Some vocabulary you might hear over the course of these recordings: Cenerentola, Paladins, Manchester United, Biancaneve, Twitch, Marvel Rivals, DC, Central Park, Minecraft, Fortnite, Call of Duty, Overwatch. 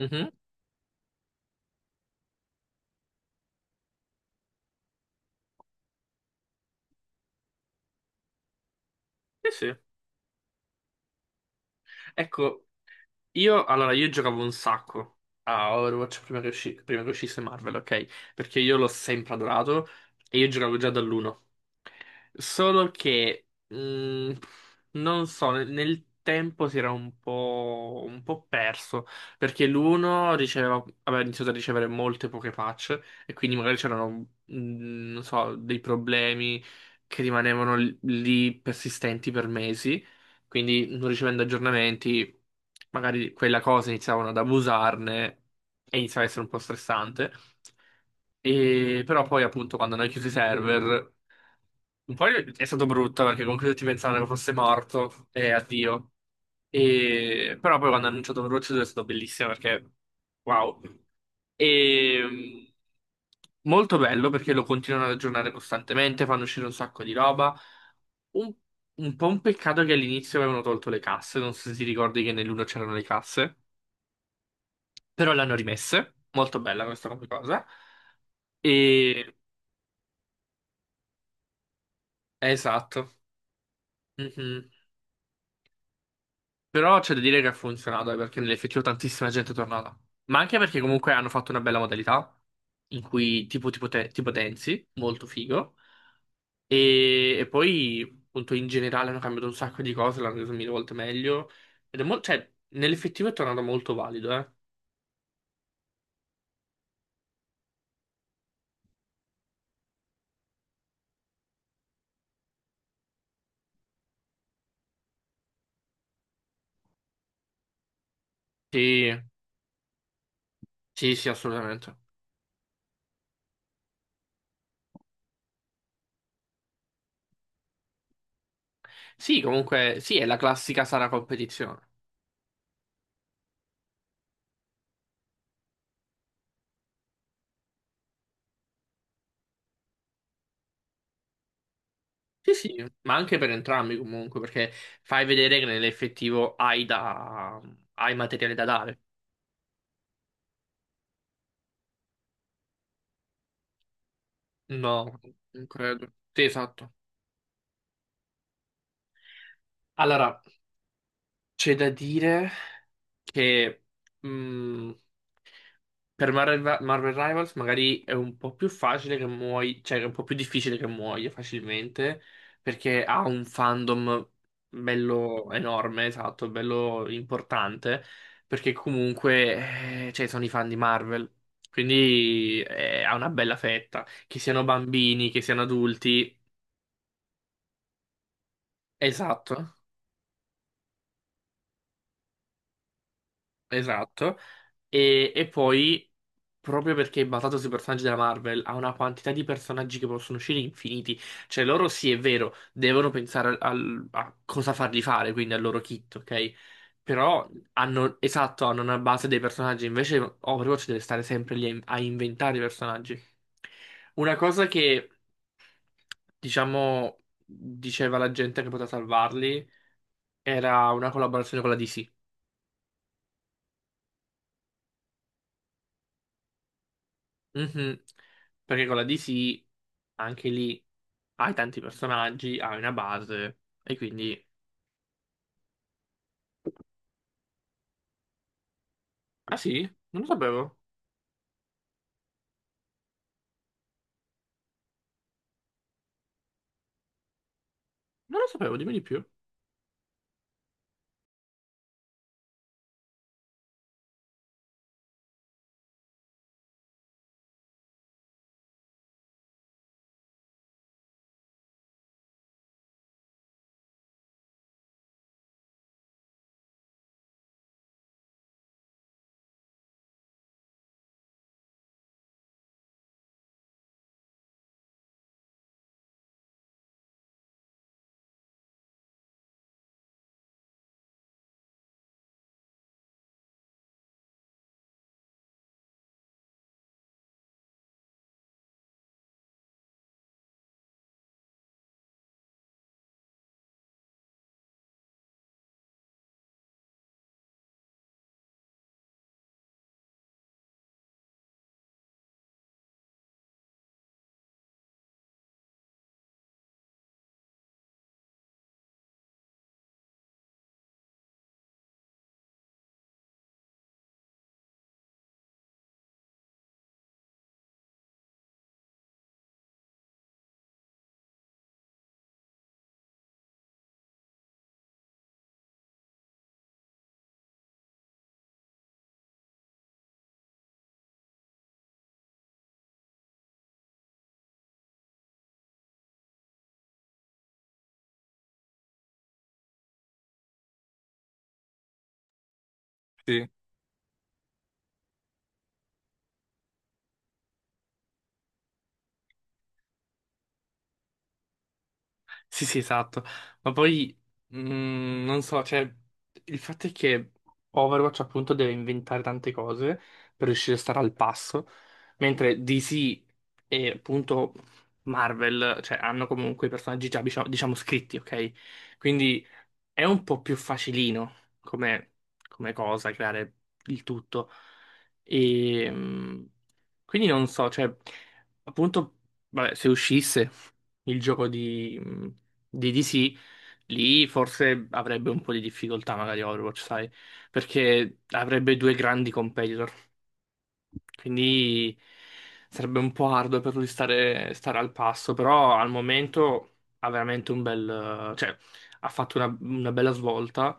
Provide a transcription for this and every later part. Mhm. Sì, sì. Ecco, io allora io giocavo un sacco a Overwatch prima che, prima che uscisse Marvel, ok? Perché io l'ho sempre adorato e io giocavo già dall'uno. Solo che, mm, non so, nel, nel tempo si era un po' perso, perché l'uno riceveva, aveva iniziato a ricevere molte poche patch, e quindi magari c'erano, non so, dei problemi che rimanevano lì persistenti per mesi, quindi non ricevendo aggiornamenti, magari quella cosa iniziavano ad abusarne e iniziava a essere un po' stressante. E però poi appunto quando hanno chiuso i server poi è stato brutto perché comunque tutti pensavano che fosse morto e addio. Però poi quando hanno annunciato Overwatch 2 è stato bellissimo perché wow. E... mh, Molto bello perché lo continuano ad aggiornare costantemente, fanno uscire un sacco di roba. Un, un po' un peccato che all'inizio avevano tolto le casse, non so se ti ricordi che nell'uno c'erano le casse, però le hanno rimesse. Molto bella questa come cosa. E... Esatto. Mhm. Però c'è da dire che ha funzionato, perché nell'effettivo tantissima gente è tornata. Ma anche perché comunque hanno fatto una bella modalità, in cui tipo ti potenzi, molto figo. E poi, appunto, in generale hanno cambiato un sacco di cose, l'hanno reso mille volte meglio. Ed è molto, cioè, nell'effettivo è tornato molto valido, eh. Sì, sì, sì, assolutamente. Sì, comunque, sì, è la classica sana competizione. Sì, sì, ma anche per entrambi comunque, perché fai vedere che nell'effettivo hai materiale da dare. No, non credo. Sì, esatto. Allora, c'è da dire che mh, per Marvel Rivals magari è un po' più facile che muoia, cioè è un po' più difficile che muoia facilmente, perché ha un fandom bello enorme, esatto, bello importante, perché comunque cioè, sono i fan di Marvel, quindi ha una bella fetta, che siano bambini, che siano adulti, esatto. Esatto. E poi, proprio perché è basato sui personaggi della Marvel, ha una quantità di personaggi che possono uscire infiniti. Cioè, loro sì, è vero, devono pensare a cosa farli fare, quindi al loro kit, ok? Però hanno, esatto, hanno una base dei personaggi. Invece, Overwatch deve stare sempre lì a inventare i personaggi. Una cosa che, diciamo, diceva la gente che poteva salvarli era una collaborazione con la DC. Mhm. Perché con la DC anche lì hai tanti personaggi, hai una base e quindi... Ah sì? Non lo sapevo. Non lo sapevo, dimmi di più. Sì, sì, esatto. Ma poi, non so, cioè, il fatto è che Overwatch appunto deve inventare tante cose per riuscire a stare al passo, mentre DC e appunto Marvel, cioè, hanno comunque i personaggi già, diciamo scritti, ok? Quindi è un po' più facilino come, come cosa creare il tutto. E, quindi non so, cioè, appunto, vabbè, se uscisse il gioco di DC, lì forse avrebbe un po' di difficoltà magari Overwatch, sai, perché avrebbe due grandi competitor. Quindi sarebbe un po' arduo per lui stare al passo, però al momento ha veramente cioè ha fatto una bella svolta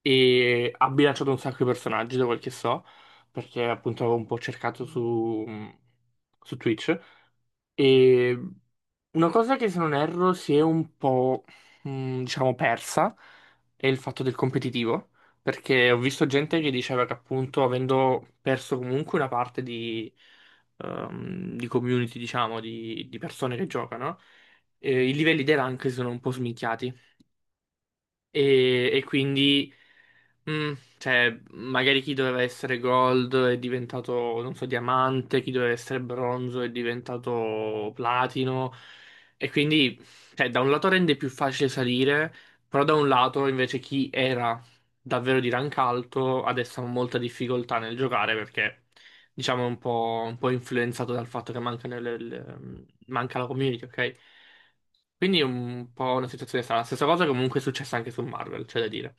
e ha bilanciato un sacco di personaggi, da quel che so, perché appunto avevo un po' cercato su Twitch e una cosa che se non erro si è un po', diciamo, persa è il fatto del competitivo, perché ho visto gente che diceva che appunto avendo perso comunque una parte di community, diciamo, di persone che giocano, i livelli dei rank sono un po' sminchiati. E quindi, mm, cioè, magari chi doveva essere gold è diventato, non so, diamante, chi doveva essere bronzo è diventato platino. E quindi, cioè, da un lato rende più facile salire, però da un lato invece chi era davvero di rank alto adesso ha molta difficoltà nel giocare perché, diciamo, è un po' influenzato dal fatto che manca la community, ok? Quindi è un po' una situazione strana. Stessa cosa comunque è successa anche su Marvel, c'è da dire.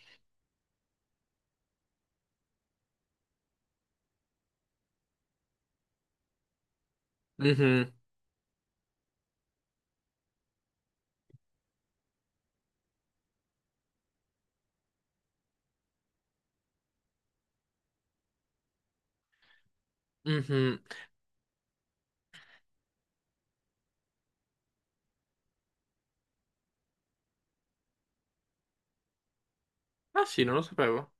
Mhm, mhm. Ah sì, non lo sapevo.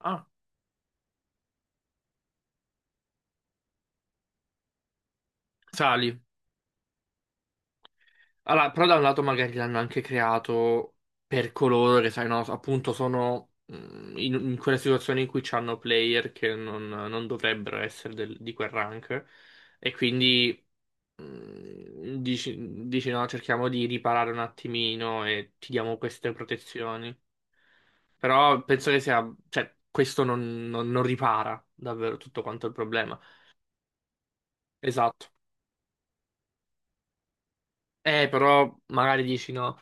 Ah, sali. Allora, però da un lato magari l'hanno anche creato per coloro che, sai, no, appunto sono in quelle situazioni in cui c'hanno player che non dovrebbero essere di quel rank. E quindi dici no, cerchiamo di riparare un attimino e ti diamo queste protezioni. Però penso che sia, cioè, questo non ripara davvero tutto quanto il problema. Esatto. Però magari dici no,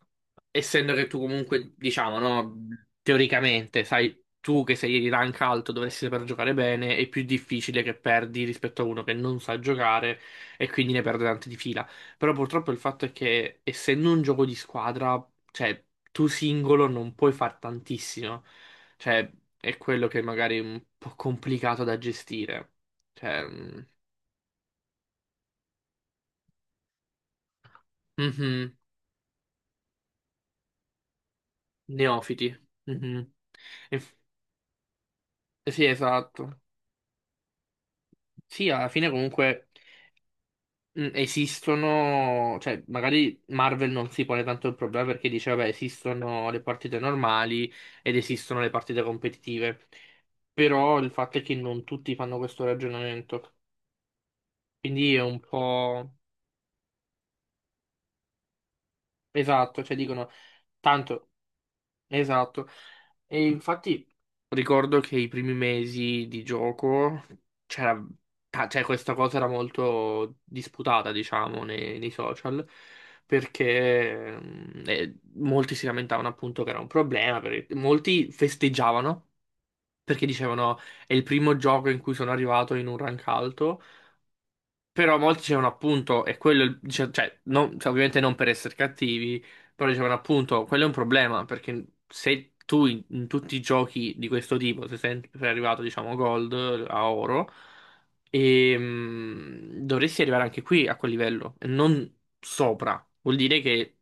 essendo che tu comunque, diciamo, no, teoricamente, sai, tu che sei di rank alto dovresti saper giocare bene, è più difficile che perdi rispetto a uno che non sa giocare e quindi ne perde tante di fila. Però purtroppo il fatto è che essendo un gioco di squadra, cioè, tu singolo non puoi far tantissimo. Cioè, è quello che magari è un po' complicato da gestire. Cioè, mhm, neofiti. Mhm. Sì, esatto. Sì, alla fine comunque esistono, cioè magari Marvel non si pone tanto il problema perché dice, vabbè, esistono le partite normali ed esistono le partite competitive, però il fatto è che non tutti fanno questo ragionamento, quindi è un po'. Esatto, cioè dicono, tanto, esatto. E infatti ricordo che i primi mesi di gioco c'era, cioè questa cosa era molto disputata, diciamo, nei, nei social, perché molti si lamentavano appunto che era un problema, perché molti festeggiavano perché dicevano è il primo gioco in cui sono arrivato in un rank alto, però molti dicevano appunto, e quello, è cioè, cioè, ovviamente non per essere cattivi, però dicevano appunto, quello è un problema, perché se tu in tutti i giochi di questo tipo se sei sempre arrivato, diciamo, gold a oro, dovresti arrivare anche qui a quel livello, e non sopra. Vuol dire che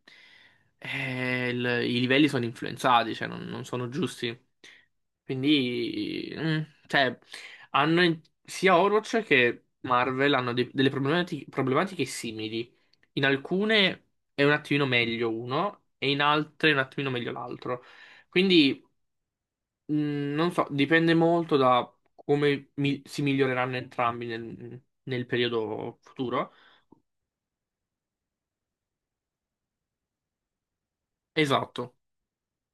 i livelli sono influenzati, cioè non, non sono giusti. Quindi, cioè, hanno sia Overwatch che Marvel hanno delle problematiche, simili. In alcune è un attimino meglio uno, e in altre è un attimino meglio l'altro. Quindi, mh, non so, dipende molto da come si miglioreranno entrambi nel, nel periodo futuro. Esatto.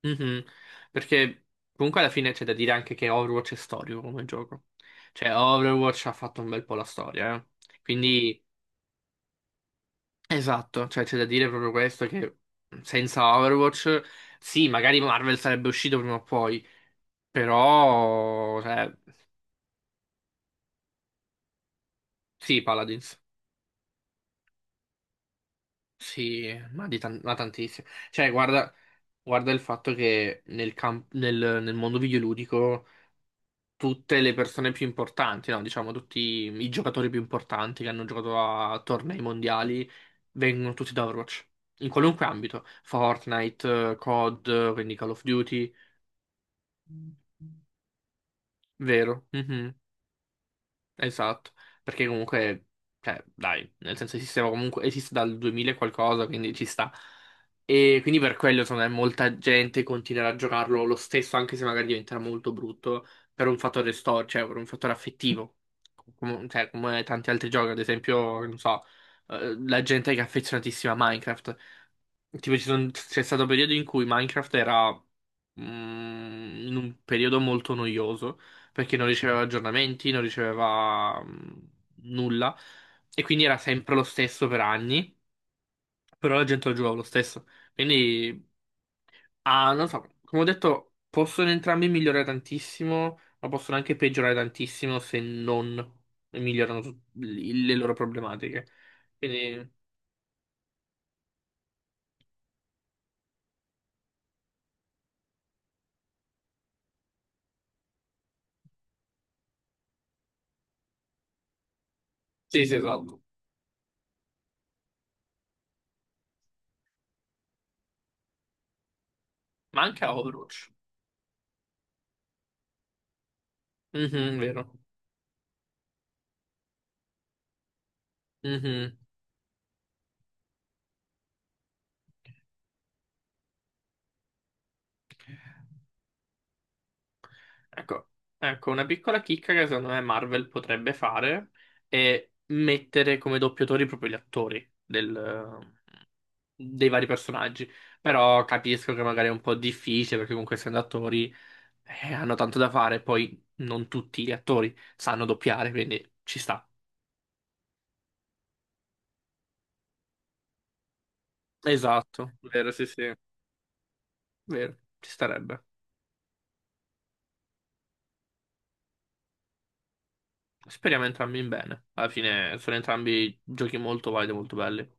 Mhm. Perché comunque alla fine c'è da dire anche che Overwatch è storico come gioco. Cioè, Overwatch ha fatto un bel po' la storia, eh. Quindi esatto, cioè c'è da dire proprio questo che senza Overwatch, sì, magari Marvel sarebbe uscito prima o poi, però, cioè, sì, Paladins, sì, ma, ma tantissimo. Cioè, guarda, guarda il fatto che nel mondo videoludico tutte le persone più importanti, no, diciamo tutti i giocatori più importanti che hanno giocato a tornei mondiali vengono tutti da Overwatch, in qualunque ambito, Fortnite, COD, quindi Call of Duty. Vero, mhm. Esatto, perché comunque, cioè, dai, nel senso il sistema comunque esiste dal 2000 e qualcosa, quindi ci sta. E quindi per quello, secondo me, molta gente continuerà a giocarlo lo stesso, anche se magari diventerà molto brutto, per un fattore storico, cioè per un fattore affettivo, come, cioè, come tanti altri giochi, ad esempio, non so, la gente che è affezionatissima a Minecraft. Tipo, c'è stato un periodo in cui Minecraft era in un periodo molto noioso perché non riceveva aggiornamenti, non riceveva nulla e quindi era sempre lo stesso per anni, però la gente lo giocava lo stesso. Quindi, ah, non so, come ho detto, possono entrambi migliorare tantissimo, ma possono anche peggiorare tantissimo se non migliorano le loro problematiche. Quindi, sì, sì, esatto. Ma anche a Overwatch. Mhm, vero. Mhm. Ecco, ecco, una piccola chicca che secondo me Marvel potrebbe fare è mettere come doppiatori proprio gli attori dei vari personaggi. Però capisco che magari è un po' difficile perché comunque essendo attori hanno tanto da fare, poi non tutti gli attori sanno doppiare, quindi ci sta. Esatto, vero, sì, sì, vero, ci starebbe. Speriamo entrambi in bene. Alla fine sono entrambi giochi molto validi, e molto belli.